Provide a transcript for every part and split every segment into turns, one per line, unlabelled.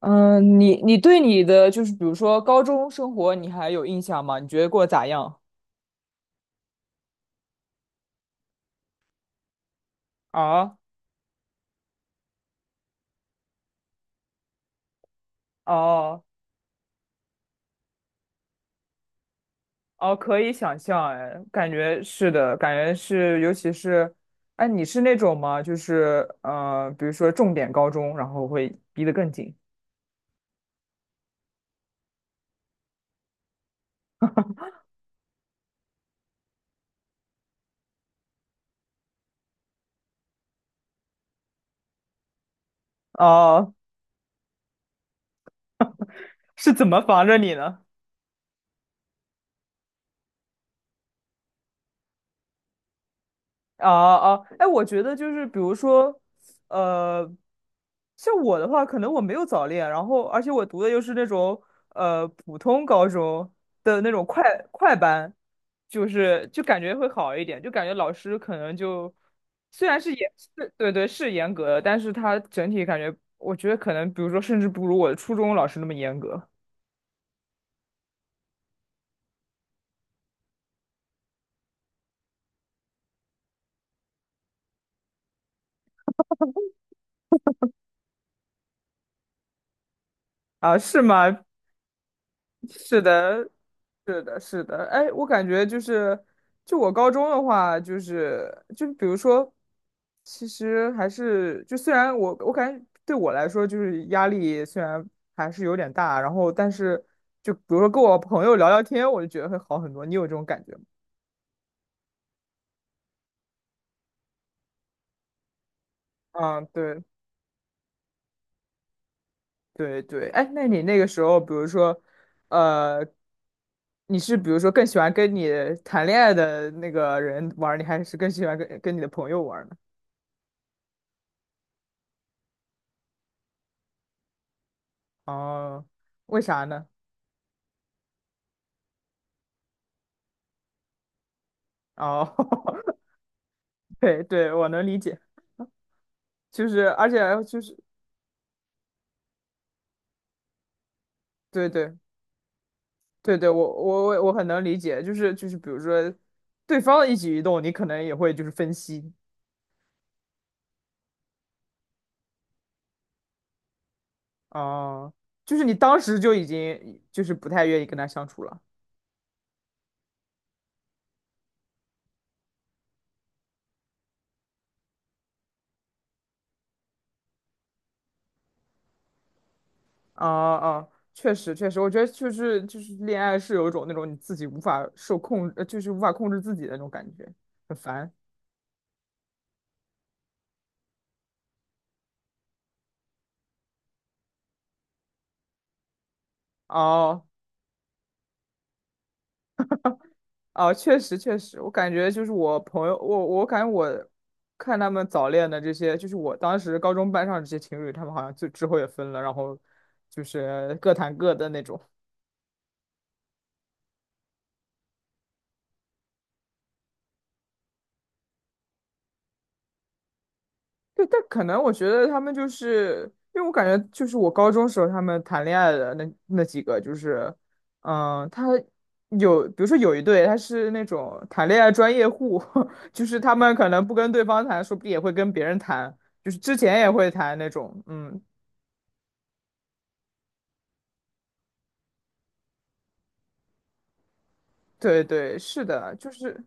嗯，你对你的就是比如说高中生活，你还有印象吗？你觉得过得咋样？啊，哦哦，可以想象，哎，感觉是的，感觉是，尤其是，哎，你是那种吗？就是比如说重点高中，然后会逼得更紧。哦，是怎么防着你呢？啊啊！哎，我觉得就是比如说，呃，像我的话，可能我没有早恋，然后而且我读的又是那种普通高中的那种快班，就是感觉会好一点，就感觉老师可能就虽然是严是对对是严格的，但是他整体感觉，我觉得可能比如说甚至不如我的初中老师那么严格。啊，是吗？是的，是的，是的，哎，我感觉就是，就我高中的话，就是比如说，其实还是就虽然我感觉对我来说就是压力虽然还是有点大，然后但是就比如说跟我朋友聊聊天，我就觉得会好很多。你有这种感觉吗？嗯，对对对，哎，那你那个时候，比如说，呃，你是比如说更喜欢跟你谈恋爱的那个人玩儿，你还是更喜欢跟你的朋友玩儿呢？哦，为啥呢？哦，对对，我能理解，就是而且就是对对对对，我很能理解，就是就是比如说对方的一举一动，你可能也会就是分析。哦、就是你当时就已经就是不太愿意跟他相处了。啊、啊、确实确实，我觉得就是恋爱是有一种那种你自己无法受控，就是无法控制自己的那种感觉，很烦。哦啊，确实确实，我感觉就是我朋友，我感觉我看他们早恋的这些，就是我当时高中班上这些情侣，他们好像就之后也分了，然后就是各谈各的那种。对，但可能我觉得他们就是，因为我感觉就是我高中时候他们谈恋爱的那几个，就是，嗯，他有，比如说有一对他是那种谈恋爱专业户，就是他们可能不跟对方谈，说不定也会跟别人谈，就是之前也会谈那种，嗯。对对，是的，就是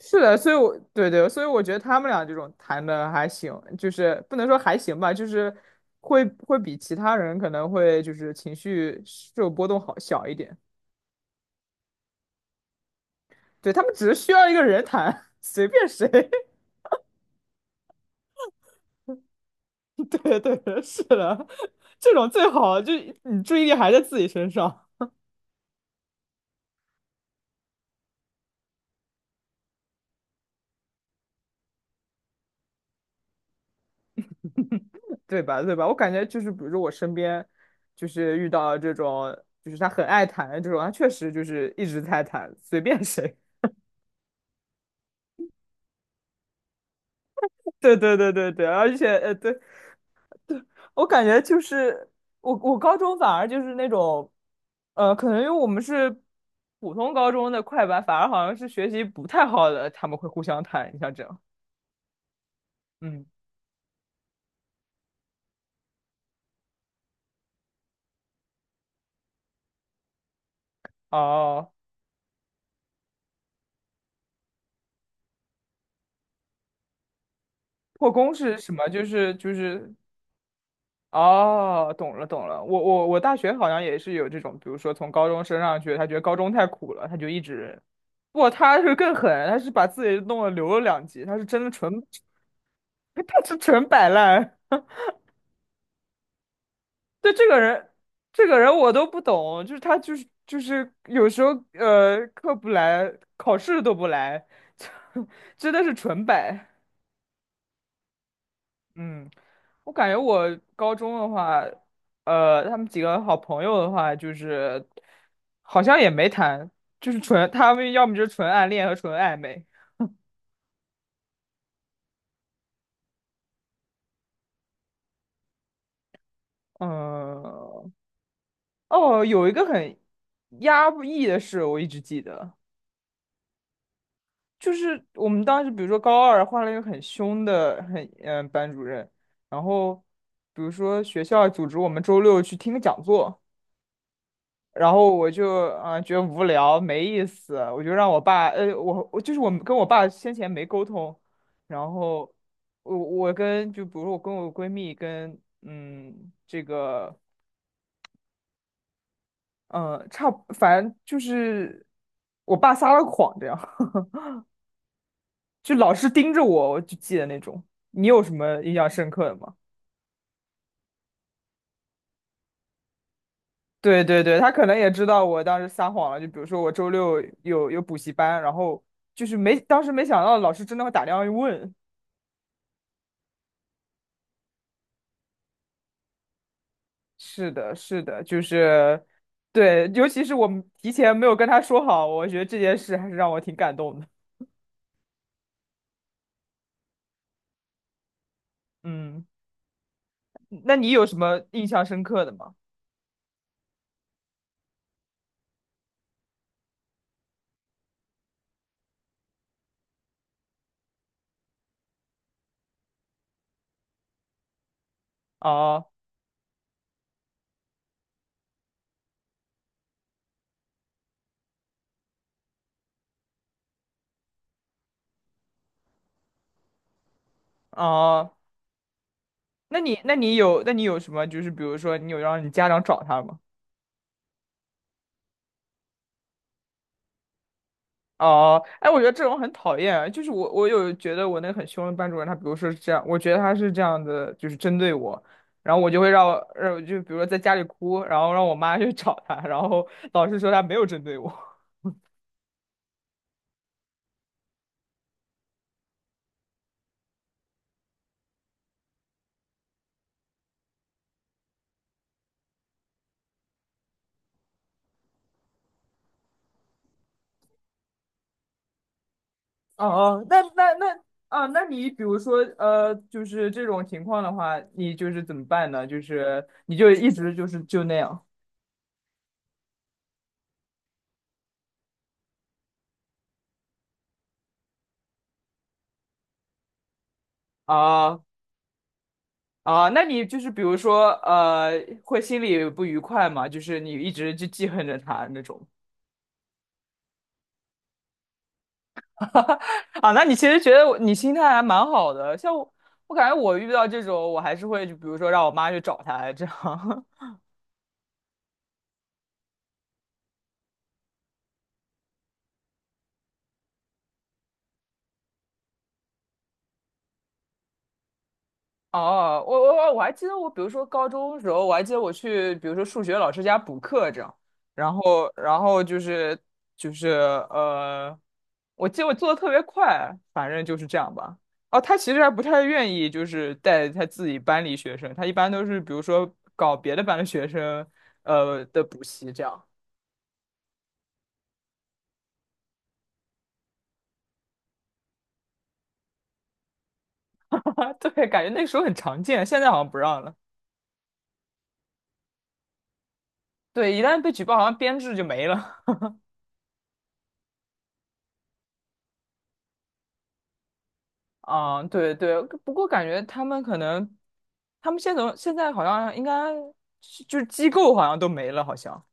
是的，所以我对对，所以我觉得他们俩这种谈的还行，就是不能说还行吧，就是会比其他人可能会就是情绪受波动好小一点。对，他们只是需要一个人谈，随便谁。对对，是的，这种最好，就你注意力还在自己身上，对吧？对吧？我感觉就是，比如说我身边就是遇到这种，就是他很爱谈的这种，他确实就是一直在谈，随便谁。对对对对对，而且对，我感觉就是我高中反而就是那种可能因为我们是普通高中的快班，反而好像是学习不太好的，他们会互相谈，你像这样。嗯，哦，破功是什么？就是哦，懂了懂了，我大学好像也是有这种，比如说从高中升上去，他觉得高中太苦了，他就一直不，他是更狠，他是把自己弄了留了两级，他是真的纯，他是纯摆烂。对这个人，这个人我都不懂，就是他就是有时候课不来，考试都不来，真的是纯摆。嗯，我感觉我高中的话，他们几个好朋友的话，就是好像也没谈，就是纯他们要么就是纯暗恋和纯暧昧。嗯，哦，有一个很压抑的事，我一直记得。就是我们当时，比如说高二换了一个很凶的很班主任，然后比如说学校组织我们周六去听个讲座，然后我就觉得无聊没意思，我就让我爸我就是我跟我爸先前没沟通，然后我跟就比如说我跟我闺蜜跟这个差不反正就是我爸撒了谎这样，就老是盯着我，我就记得那种。你有什么印象深刻的吗？对对对，他可能也知道我当时撒谎了，就比如说我周六有补习班，然后就是没，当时没想到老师真的会打电话问。是的，是的，就是，对，尤其是我们提前没有跟他说好，我觉得这件事还是让我挺感动的。嗯，那你有什么印象深刻的吗？哦哦，那你有什么就是比如说你有让你家长找他吗？哦，哎，我觉得这种很讨厌。就是我有觉得我那个很凶的班主任，他比如说是这样，我觉得他是这样的，就是针对我，然后我就会让就比如说在家里哭，然后让我妈去找他，然后老师说他没有针对我。哦哦，那那那啊，那你比如说就是这种情况的话，你就是怎么办呢？就是你就一直就是就那样啊啊，那你就是比如说会心里不愉快嘛？就是你一直就记恨着他那种。啊，那你其实觉得你心态还蛮好的，像我，我感觉我遇到这种，我还是会就比如说让我妈去找他这样。哦，我还记得我，比如说高中的时候，我还记得我去，比如说数学老师家补课这样，然后就是就是呃，我记得我做的特别快，反正就是这样吧。哦，他其实还不太愿意，就是带他自己班里学生，他一般都是比如说搞别的班的学生，的补习这样。啊，对，感觉那个时候很常见，现在好像不让了。对，一旦被举报，好像编制就没了。啊，对对，不过感觉他们可能，他们现在好像应该是就是机构好像都没了，好像。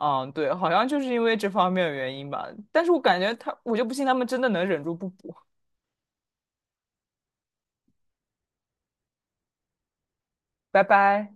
嗯，对，好像就是因为这方面的原因吧。但是我感觉他，我就不信他们真的能忍住不补。拜拜。